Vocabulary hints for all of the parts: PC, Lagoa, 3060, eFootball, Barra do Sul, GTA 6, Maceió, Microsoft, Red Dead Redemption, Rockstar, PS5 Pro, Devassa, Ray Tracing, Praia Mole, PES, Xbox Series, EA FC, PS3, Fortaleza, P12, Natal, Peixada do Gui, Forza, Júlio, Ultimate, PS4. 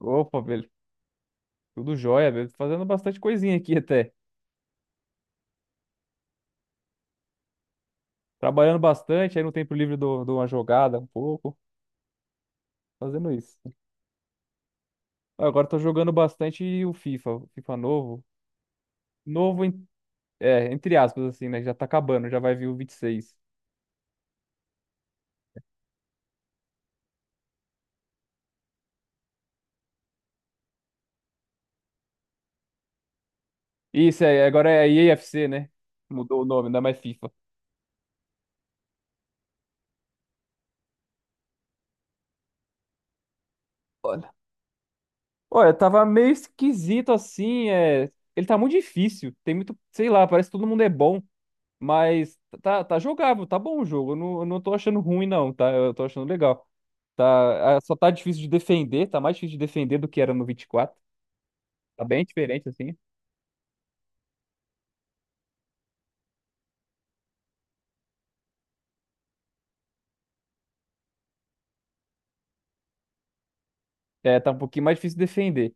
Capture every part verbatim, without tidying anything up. Opa, velho, tudo jóia, velho. Fazendo bastante coisinha aqui até. Trabalhando bastante, aí no tempo livre dou, dou uma jogada um pouco, fazendo isso. Agora tô jogando bastante o FIFA, o FIFA novo. Novo, en- é, entre aspas, assim, né? Já tá acabando, já vai vir o vinte e seis. Isso aí, agora é E A F C, né? Mudou o nome, não é mais FIFA. Olha, olha, tava meio esquisito assim, é... Ele tá muito difícil, tem muito, sei lá, parece que todo mundo é bom. Mas tá, tá jogável, tá bom o jogo. Eu não, eu não tô achando ruim, não, tá? Eu tô achando legal. Tá, ah, só tá difícil de defender, tá mais difícil de defender do que era no vinte e quatro. Tá bem diferente, assim. É, tá um pouquinho mais difícil de defender.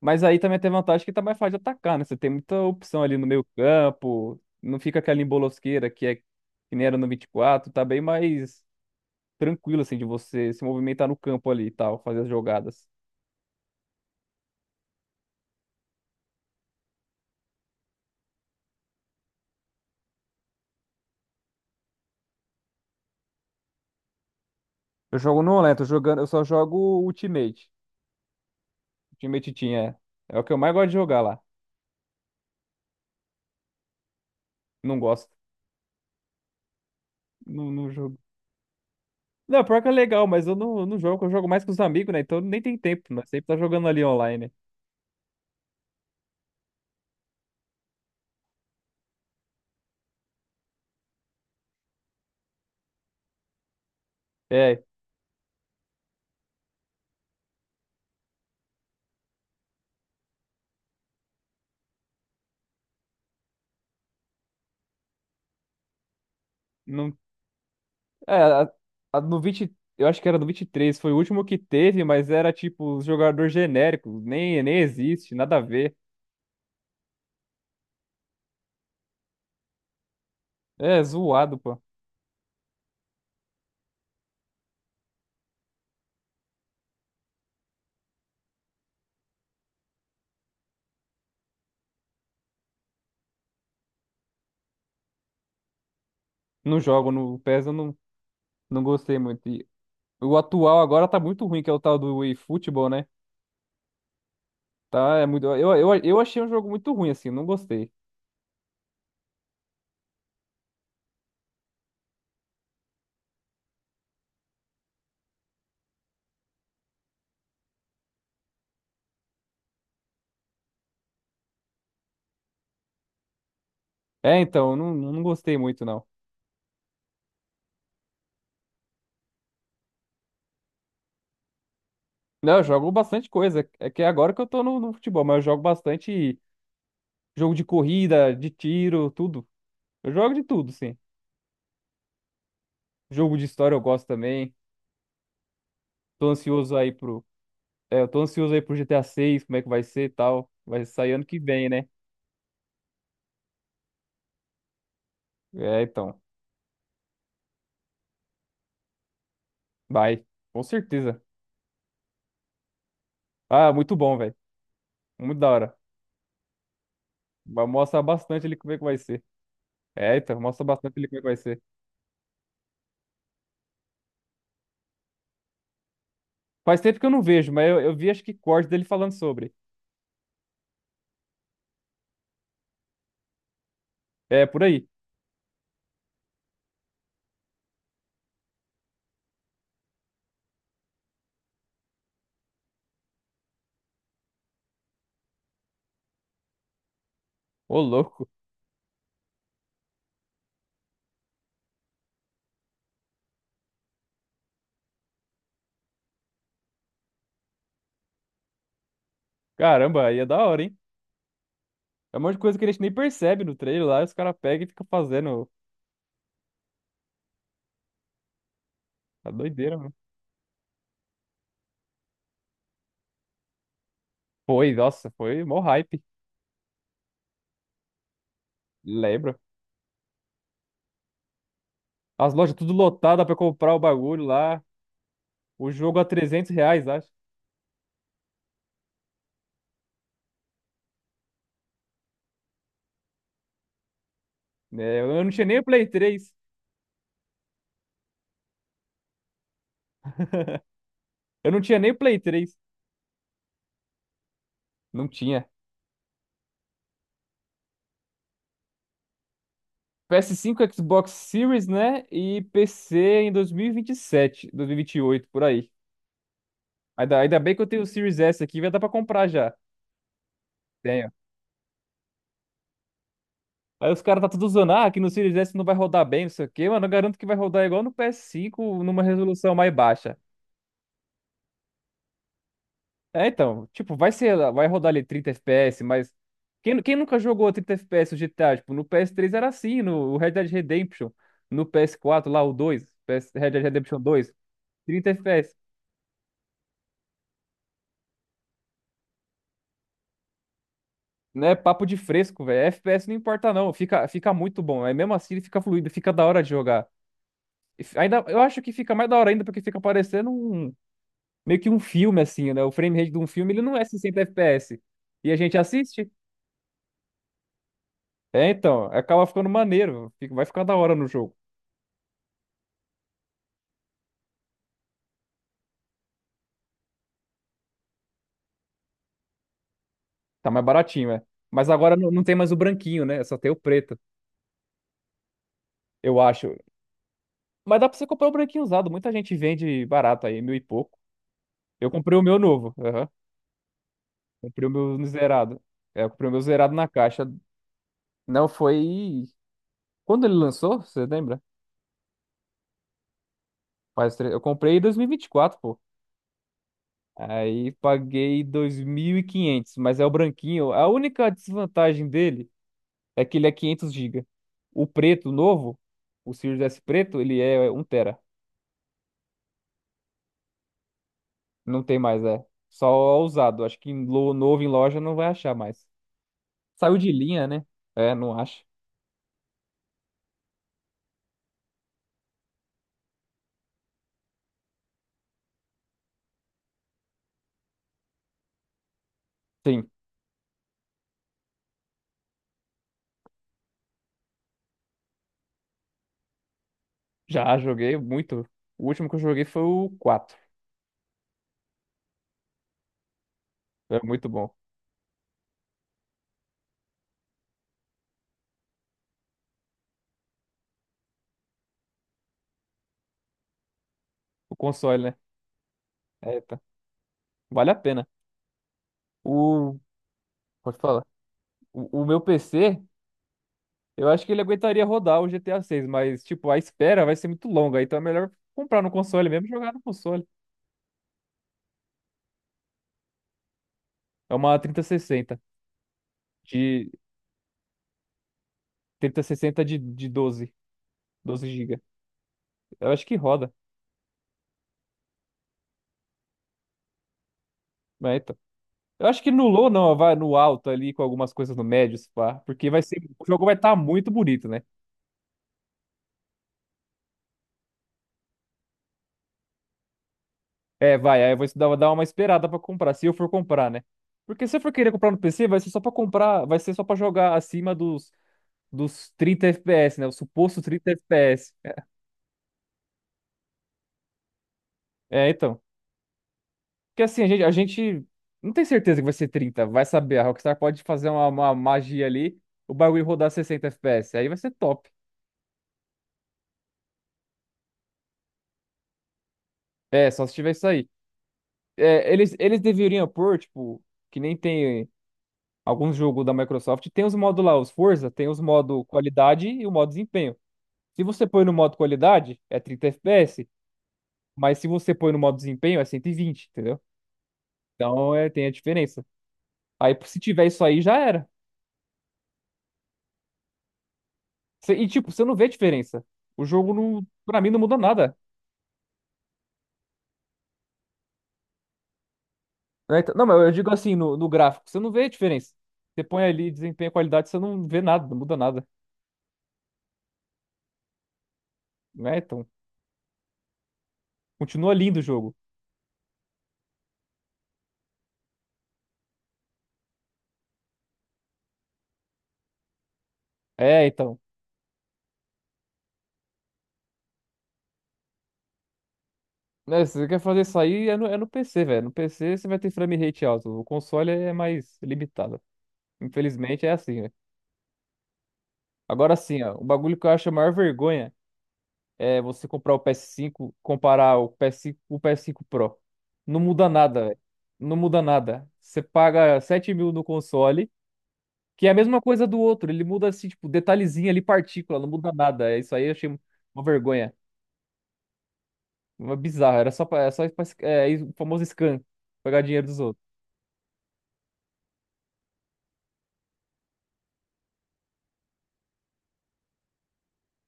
Mas aí também tem vantagem que tá mais fácil de atacar, né? Você tem muita opção ali no meio campo, não fica aquela embolosqueira que é que nem era no vinte e quatro. Tá bem mais tranquilo, assim, de você se movimentar no campo ali e tal, fazer as jogadas. Eu jogo no online, tô jogando, eu só jogo Ultimate. Time Titinha, é. É o que eu mais gosto de jogar lá. Não gosto. Não, não jogo. Não, pior que é legal, mas eu não, não jogo, eu jogo mais com os amigos, né? Então nem tem tempo, nós sempre tá jogando ali online. É, não. É, a, a no vinte. Eu acho que era no vinte e três, foi o último que teve, mas era tipo jogador genérico, nem, nem existe, nada a ver. É, zoado, pô. Não jogo, no PES eu não, não gostei muito. E o atual agora tá muito ruim, que é o tal do eFootball, né? Tá, é muito. Eu, eu, eu achei um jogo muito ruim, assim, não gostei. É, então, eu não, não gostei muito, não. Não, eu jogo bastante coisa. É que é agora que eu tô no, no futebol, mas eu jogo bastante jogo de corrida, de tiro, tudo. Eu jogo de tudo, sim. Jogo de história eu gosto também. Tô ansioso aí pro. É, eu tô ansioso aí pro G T A seis, como é que vai ser e tal. Vai sair ano que vem, né? É, então. Vai. Com certeza. Ah, muito bom, velho. Muito da hora. Vai mostrar bastante ali como é que vai ser. É, então, mostra bastante ali como é que vai ser. Faz tempo que eu não vejo, mas eu, eu vi acho que corte dele falando sobre. É, por aí. Ô, louco. Caramba, aí é da hora, hein? É um monte de coisa que a gente nem percebe no trailer lá, e os caras pegam e ficam fazendo. Tá doideira, mano. Foi, nossa, foi mó hype. Lembra? As lojas tudo lotadas pra comprar o bagulho lá. O jogo a trezentos reais, acho. É, eu não tinha nem o Play três. Eu não tinha nem o Play três. Não tinha. PS cinco, Xbox Series, né? E P C em dois dois mil mil e vinte e sete, dois mil e vinte vinte sete, e oito, por aí. Ainda, ainda bem que eu tenho o Series S aqui, vai dar pra comprar já. Tem. Aí os caras tá tudo usando, ah, que no Series S não vai rodar bem, não sei o quê, mano. Eu garanto que vai rodar igual no P S cinco, numa resolução mais baixa. É, então, tipo, vai ser, vai rodar ali trinta F P S, mas quem, quem nunca jogou trinta F P S o G T A? Tipo, no P S três era assim, no Red Dead Redemption, no P S quatro lá, o dois, P S, Red Dead Redemption dois, trinta F P S. Não é papo de fresco, velho. F P S não importa não, fica, fica muito bom. Aí mesmo assim ele fica fluido, fica da hora de jogar. E fi- Ainda, eu acho que fica mais da hora ainda porque fica parecendo um meio que um filme, assim, né? O frame rate de um filme, ele não é sessenta F P S. E a gente assiste. É, então, acaba ficando maneiro. fica- Vai ficar da hora no jogo. Tá mais baratinho, é. Mas agora não não tem mais o branquinho, né? Só tem o preto, eu acho. Mas dá pra você comprar o branquinho usado. Muita gente vende barato aí, mil e pouco. Eu comprei o meu novo. Aham. Comprei o meu zerado. É, eu comprei o meu zerado na caixa. Não, foi. Quando ele lançou, você lembra? Faz tre- Eu comprei em dois mil e vinte e quatro. Aí paguei dois mil e quinhentos, mas é o branquinho. A única desvantagem dele é que ele é quinhentos gigas. O preto novo, o Series S preto, ele é um tera. Não tem mais, é. Só usado. Acho que em lo- novo em loja não vai achar mais. Saiu de linha, né? É, não acho. Sim, já joguei muito. O último que eu joguei foi o quatro. É muito bom. O console, né? É, tá. Vale a pena. O. Pode falar. O, o meu P C. Eu acho que ele aguentaria rodar o G T A seis, mas, tipo, a espera vai ser muito longa, então é melhor comprar no console mesmo e jogar no console. É uma trinta sessenta de trinta sessenta de, de 12, 12 GB. Eu acho que roda, né, então. Eu acho que no low não, vai no alto ali com algumas coisas no médio, se pá, porque vai ser, o jogo vai estar muito bonito, né? É, vai, aí eu vou dar dar uma esperada pra comprar, se eu for comprar, né? Porque se eu for querer comprar no P C, vai ser só pra comprar, vai ser só pra jogar acima dos dos trinta F P S, né? O suposto trinta F P S. É, então. Porque assim, a gente, a gente não tem certeza que vai ser trinta, vai saber. A Rockstar pode fazer uma, uma magia ali, o bagulho rodar sessenta F P S, aí vai ser top. É, só se tiver isso aí. É, eles, eles deveriam pôr, tipo, que nem tem alguns jogos da Microsoft, tem os modos lá, os Forza, tem os modos qualidade e o modo desempenho. Se você põe no modo qualidade, é trinta F P S, mas se você põe no modo desempenho, é cento e vinte, entendeu? Então é, tem a diferença. Aí se tiver isso aí, já era. Cê- E, tipo, você não vê diferença. O jogo, não, pra mim, não muda nada. Né? Então- Não, mas eu digo assim, no, no gráfico, você não vê diferença. Você põe ali desempenho e qualidade, você não vê nada, não muda nada. Né? Então, continua lindo o jogo. É, então. Né, se você quer fazer isso aí, é no, é no P C, velho. No P C você vai ter frame rate alto. O console é mais limitado. Infelizmente é assim, né? Agora sim, ó. O bagulho que eu acho a maior vergonha é, você comprar o P S cinco, comparar o P S cinco com o P S cinco Pro. Não muda nada, velho. Não muda nada. Você paga sete mil no console, que é a mesma coisa do outro. Ele muda, assim, tipo, detalhezinho ali, partícula, não muda nada. É. Isso aí eu achei uma vergonha. Uma bizarra. Era só pra, é só pra, é, é, o famoso scam. Pegar dinheiro dos outros.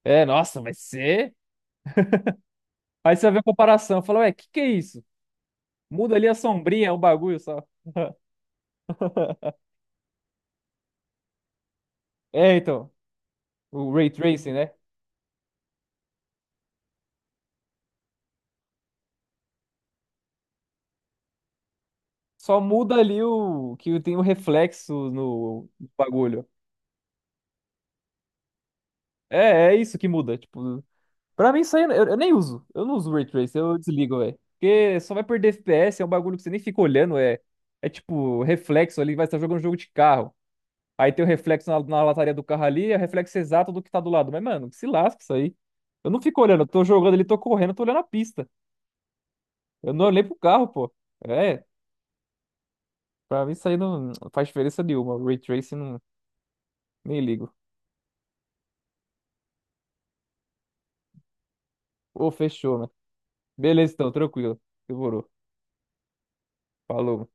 É, nossa, vai ser. Aí você vê a comparação. Fala, ué, que que é isso? Muda ali a sombrinha, é um bagulho só. É, então. O Ray Tracing, né? Só muda ali o que tem o reflexo no bagulho. É, é isso que muda. Tipo, pra mim isso aí eu, eu nem uso. Eu não uso Ray Trace, eu desligo, velho. Porque só vai perder F P S, é um bagulho que você nem fica olhando, é. É tipo, reflexo ali, vai estar jogando um jogo de carro. Aí tem o reflexo na, na lataria do carro ali, é o reflexo exato do que tá do lado. Mas, mano, que se lasca isso aí. Eu não fico olhando, eu tô jogando ali, tô correndo, eu tô olhando a pista. Eu não olhei pro carro, pô. É, pra mim isso aí não faz diferença nenhuma. Ray Tracing, não, nem ligo. Ô, fechou, mano. Beleza, então, tranquilo. Demorou. Falou.